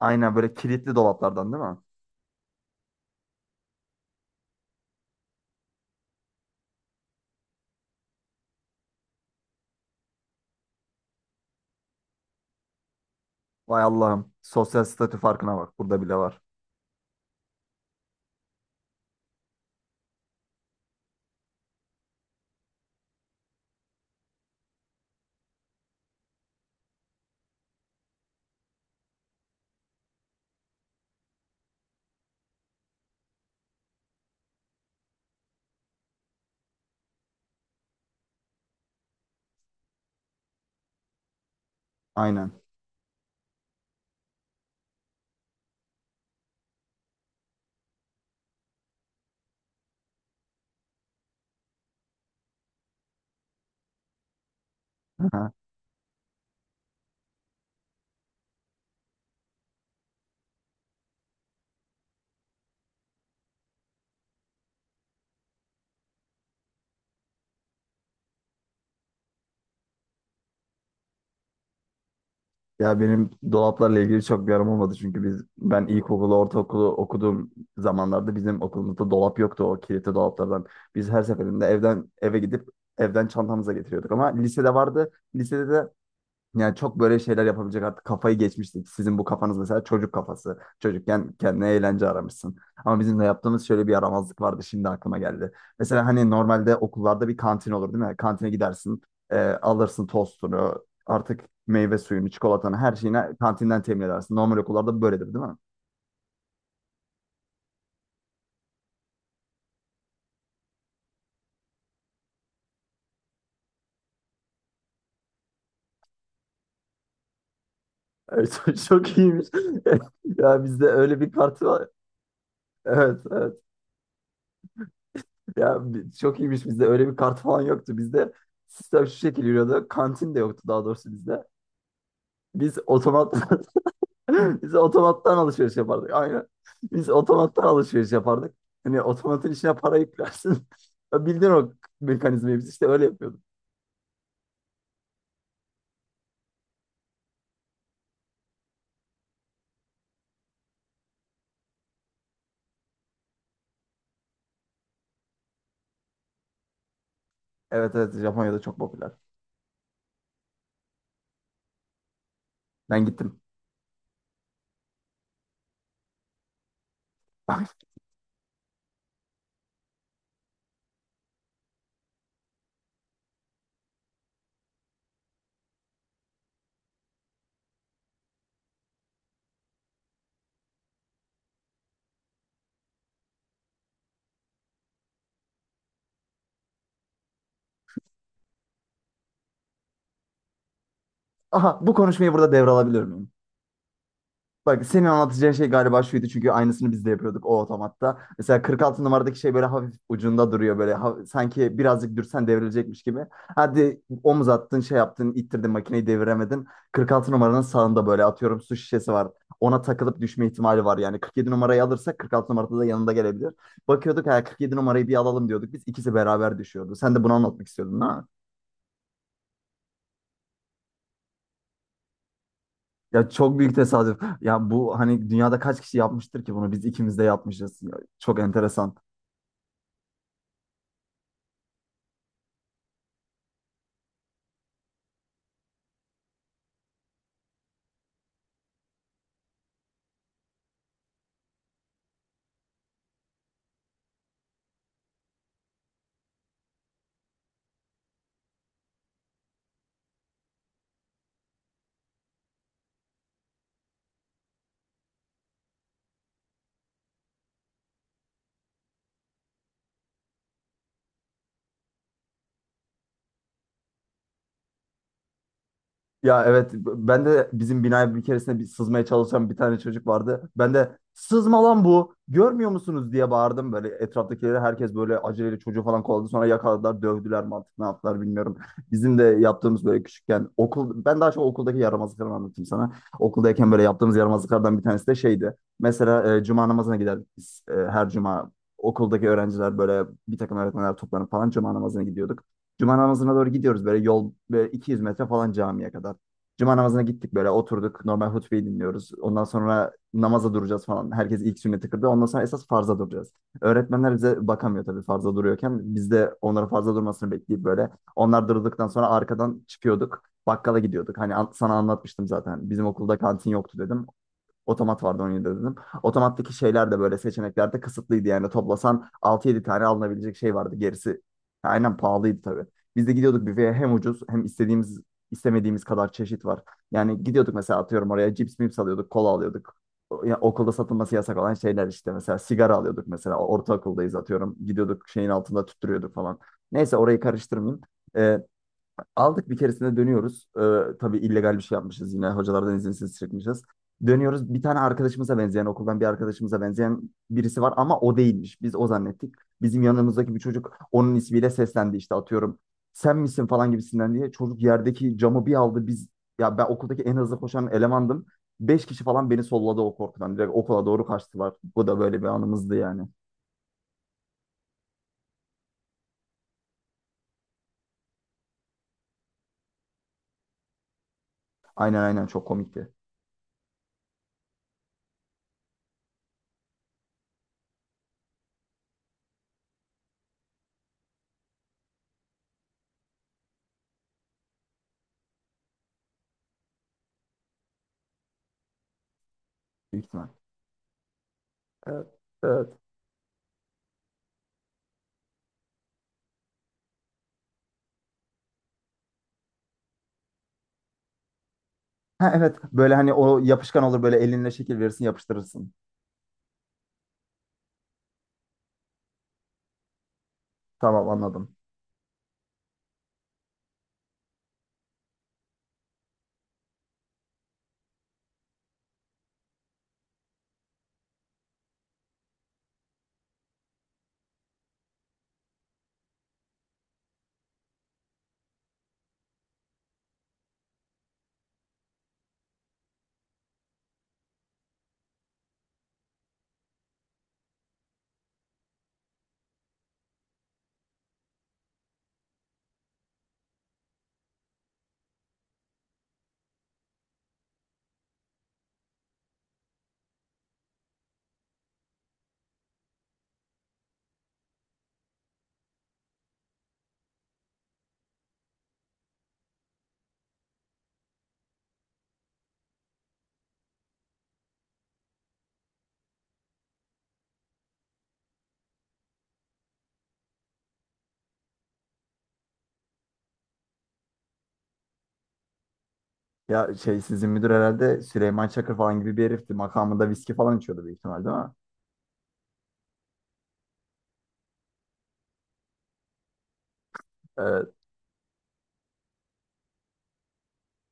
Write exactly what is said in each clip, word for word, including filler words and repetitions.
Aynen böyle kilitli dolaplardan değil mi? Vay Allah'ım. Sosyal statü farkına bak. Burada bile var. Aynen. Aha. Ya benim dolaplarla ilgili çok bir aram olmadı çünkü biz ben ilkokulu, ortaokulu okuduğum zamanlarda bizim okulumuzda dolap yoktu o kilitli dolaplardan. Biz her seferinde evden eve gidip evden çantamıza getiriyorduk ama lisede vardı. Lisede de yani çok böyle şeyler yapabilecek artık kafayı geçmiştik. Sizin bu kafanız mesela çocuk kafası. Çocukken kendine eğlence aramışsın. Ama bizim de yaptığımız şöyle bir yaramazlık vardı, şimdi aklıma geldi. Mesela hani normalde okullarda bir kantin olur değil mi? Kantine gidersin, e, alırsın tostunu, artık meyve suyunu, çikolatanı, her şeyini kantinden temin edersin. Normal okullarda böyledir değil mi? Evet, çok iyiymiş. Ya bizde öyle bir parti var. Evet, evet. Ya bi- çok iyiymiş, bizde öyle bir kart falan yoktu. Bizde sistem şu şekilde yürüyordu. Kantin de yoktu daha doğrusu bizde. Biz otomattan biz otomattan alışveriş yapardık. Aynen. Biz otomattan alışveriş yapardık. Hani otomatın içine para yüklersin. Ya, bildiğin o mekanizmayı biz işte öyle yapıyorduk. Evet, evet, Japonya'da çok popüler. Ben gittim. Aha, bu konuşmayı burada devralabilir miyim? Bak, senin anlatacağın şey galiba şuydu çünkü aynısını biz de yapıyorduk o otomatta. Mesela kırk altı numaradaki şey böyle hafif ucunda duruyor, böyle ha- sanki birazcık dürsen devrilecekmiş gibi. Hadi omuz attın, şey yaptın, ittirdin makineyi, deviremedin. kırk altı numaranın sağında böyle atıyorum su şişesi var. Ona takılıp düşme ihtimali var yani kırk yedi numarayı alırsak kırk altı numarada da yanında gelebilir. Bakıyorduk, ha, kırk yedi numarayı bir alalım diyorduk, biz ikisi beraber düşüyordu. Sen de bunu anlatmak istiyordun ha? Ya çok büyük tesadüf. Ya bu hani dünyada kaç kişi yapmıştır ki bunu? Biz ikimiz de yapmışız. Ya, çok enteresan. Ya evet, ben de bizim binaya bir keresinde bir sızmaya çalışan bir tane çocuk vardı. Ben de sızma lan bu, görmüyor musunuz diye bağırdım böyle etraftakileri, herkes böyle aceleyle çocuğu falan kovaladı, sonra yakaladılar, dövdüler mi artık ne yaptılar bilmiyorum. Bizim de yaptığımız böyle küçükken okul, ben daha çok okuldaki yaramazlıkları anlatayım sana. Okuldayken böyle yaptığımız yaramazlıklardan bir tanesi de şeydi. Mesela e, cuma namazına giderdik biz, e, her cuma okuldaki öğrenciler böyle bir takım öğretmenler toplanıp falan cuma namazına gidiyorduk. Cuma namazına doğru gidiyoruz böyle, yol böyle iki yüz metre falan camiye kadar. Cuma namazına gittik, böyle oturduk, normal hutbeyi dinliyoruz. Ondan sonra namaza duracağız falan. Herkes ilk sünneti kırdı. Ondan sonra esas farza duracağız. Öğretmenler bize bakamıyor tabii farza duruyorken. Biz de onların farza durmasını bekleyip böyle. Onlar durduktan sonra arkadan çıkıyorduk. Bakkala gidiyorduk. Hani an- sana anlatmıştım zaten. Bizim okulda kantin yoktu dedim. Otomat vardı on yedide dedim. Otomattaki şeyler de böyle seçeneklerde kısıtlıydı yani. Toplasan altı yedi tane alınabilecek şey vardı. Gerisi aynen pahalıydı tabii. Biz de gidiyorduk büfeye, hem ucuz hem istediğimiz istemediğimiz kadar çeşit var. Yani gidiyorduk mesela atıyorum oraya, cips mips alıyorduk, kola alıyorduk. O- Ya okulda satılması yasak olan şeyler işte, mesela sigara alıyorduk mesela, ortaokuldayız atıyorum. Gidiyorduk şeyin altında tüttürüyorduk falan. Neyse orayı karıştırmayayım. Ee, Aldık bir keresinde, dönüyoruz. Ee, tabii illegal bir şey yapmışız yine. Hocalardan izinsiz çıkmışız. Dönüyoruz. Bir tane arkadaşımıza benzeyen, okuldan bir arkadaşımıza benzeyen birisi var ama o değilmiş. Biz o zannettik. Bizim yanımızdaki bir çocuk onun ismiyle seslendi işte atıyorum. Sen misin falan gibisinden diye. Çocuk yerdeki camı bir aldı. Biz ya, ben okuldaki en hızlı koşan elemandım. Beş kişi falan beni solladı o korkudan. Direkt okula doğru kaçtılar. Bu da böyle bir anımızdı yani. Aynen, aynen, çok komikti. Büyük ihtimal. Evet. Evet. Ha evet, böyle hani o yapışkan olur, böyle elinle şekil verirsin, yapıştırırsın. Tamam, anladım. Ya şey, sizin müdür herhalde Süleyman Çakır falan gibi bir herifti. Makamında viski falan içiyordu büyük ihtimal değil mi? Ee,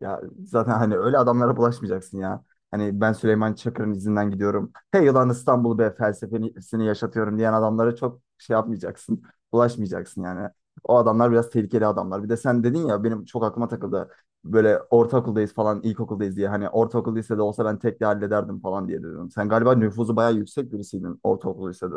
Ya zaten hani öyle adamlara bulaşmayacaksın ya. Hani ben Süleyman Çakır'ın izinden gidiyorum, Hey yılan İstanbul be felsefesini yaşatıyorum diyen adamlara çok şey yapmayacaksın. Bulaşmayacaksın yani. O adamlar biraz tehlikeli adamlar. Bir de sen dedin ya, benim çok aklıma takıldı. Böyle ortaokuldayız falan, ilkokuldayız diye. Hani ortaokul lisede olsa ben tek de hallederdim falan diye dedim. Sen galiba nüfuzu bayağı yüksek birisiydin ortaokul lisede.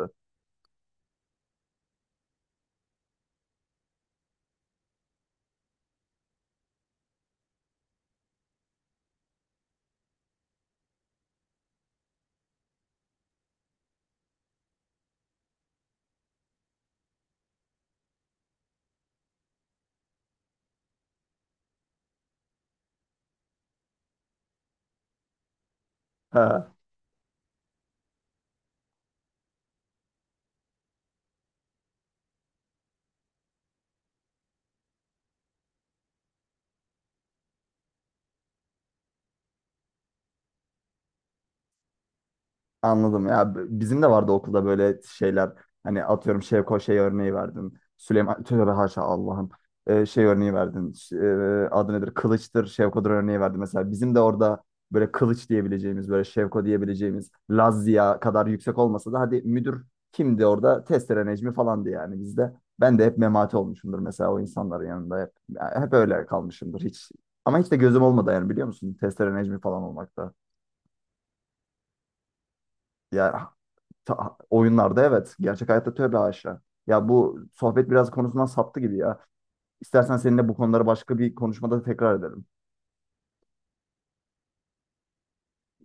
Anladım. Ya b- bizim de vardı okulda böyle şeyler. Hani atıyorum Şevko şey örneği verdin. Süleyman, tövbe haşa Allah'ım. Ee, şey örneği verdin. Ş- e, adı nedir? Kılıç'tır, Şevko'dur örneği verdin. Mesela bizim de orada böyle Kılıç diyebileceğimiz, böyle Şevko diyebileceğimiz Lazia kadar yüksek olmasa da hadi müdür kimdi orada? Testere Necmi falandı yani bizde. Ben de hep memati olmuşumdur mesela o insanların yanında hep. Ya hep öyle kalmışımdır hiç. Ama hiç de gözüm olmadı yani, biliyor musun? Testere Necmi falan olmakta. Ya ta- Oyunlarda evet. Gerçek hayatta tövbe haşa. Ya bu sohbet biraz konusundan saptı gibi ya. İstersen seninle bu konuları başka bir konuşmada tekrar edelim.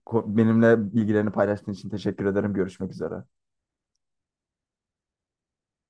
Ko- Benimle bilgilerini paylaştığın için teşekkür ederim. Görüşmek üzere.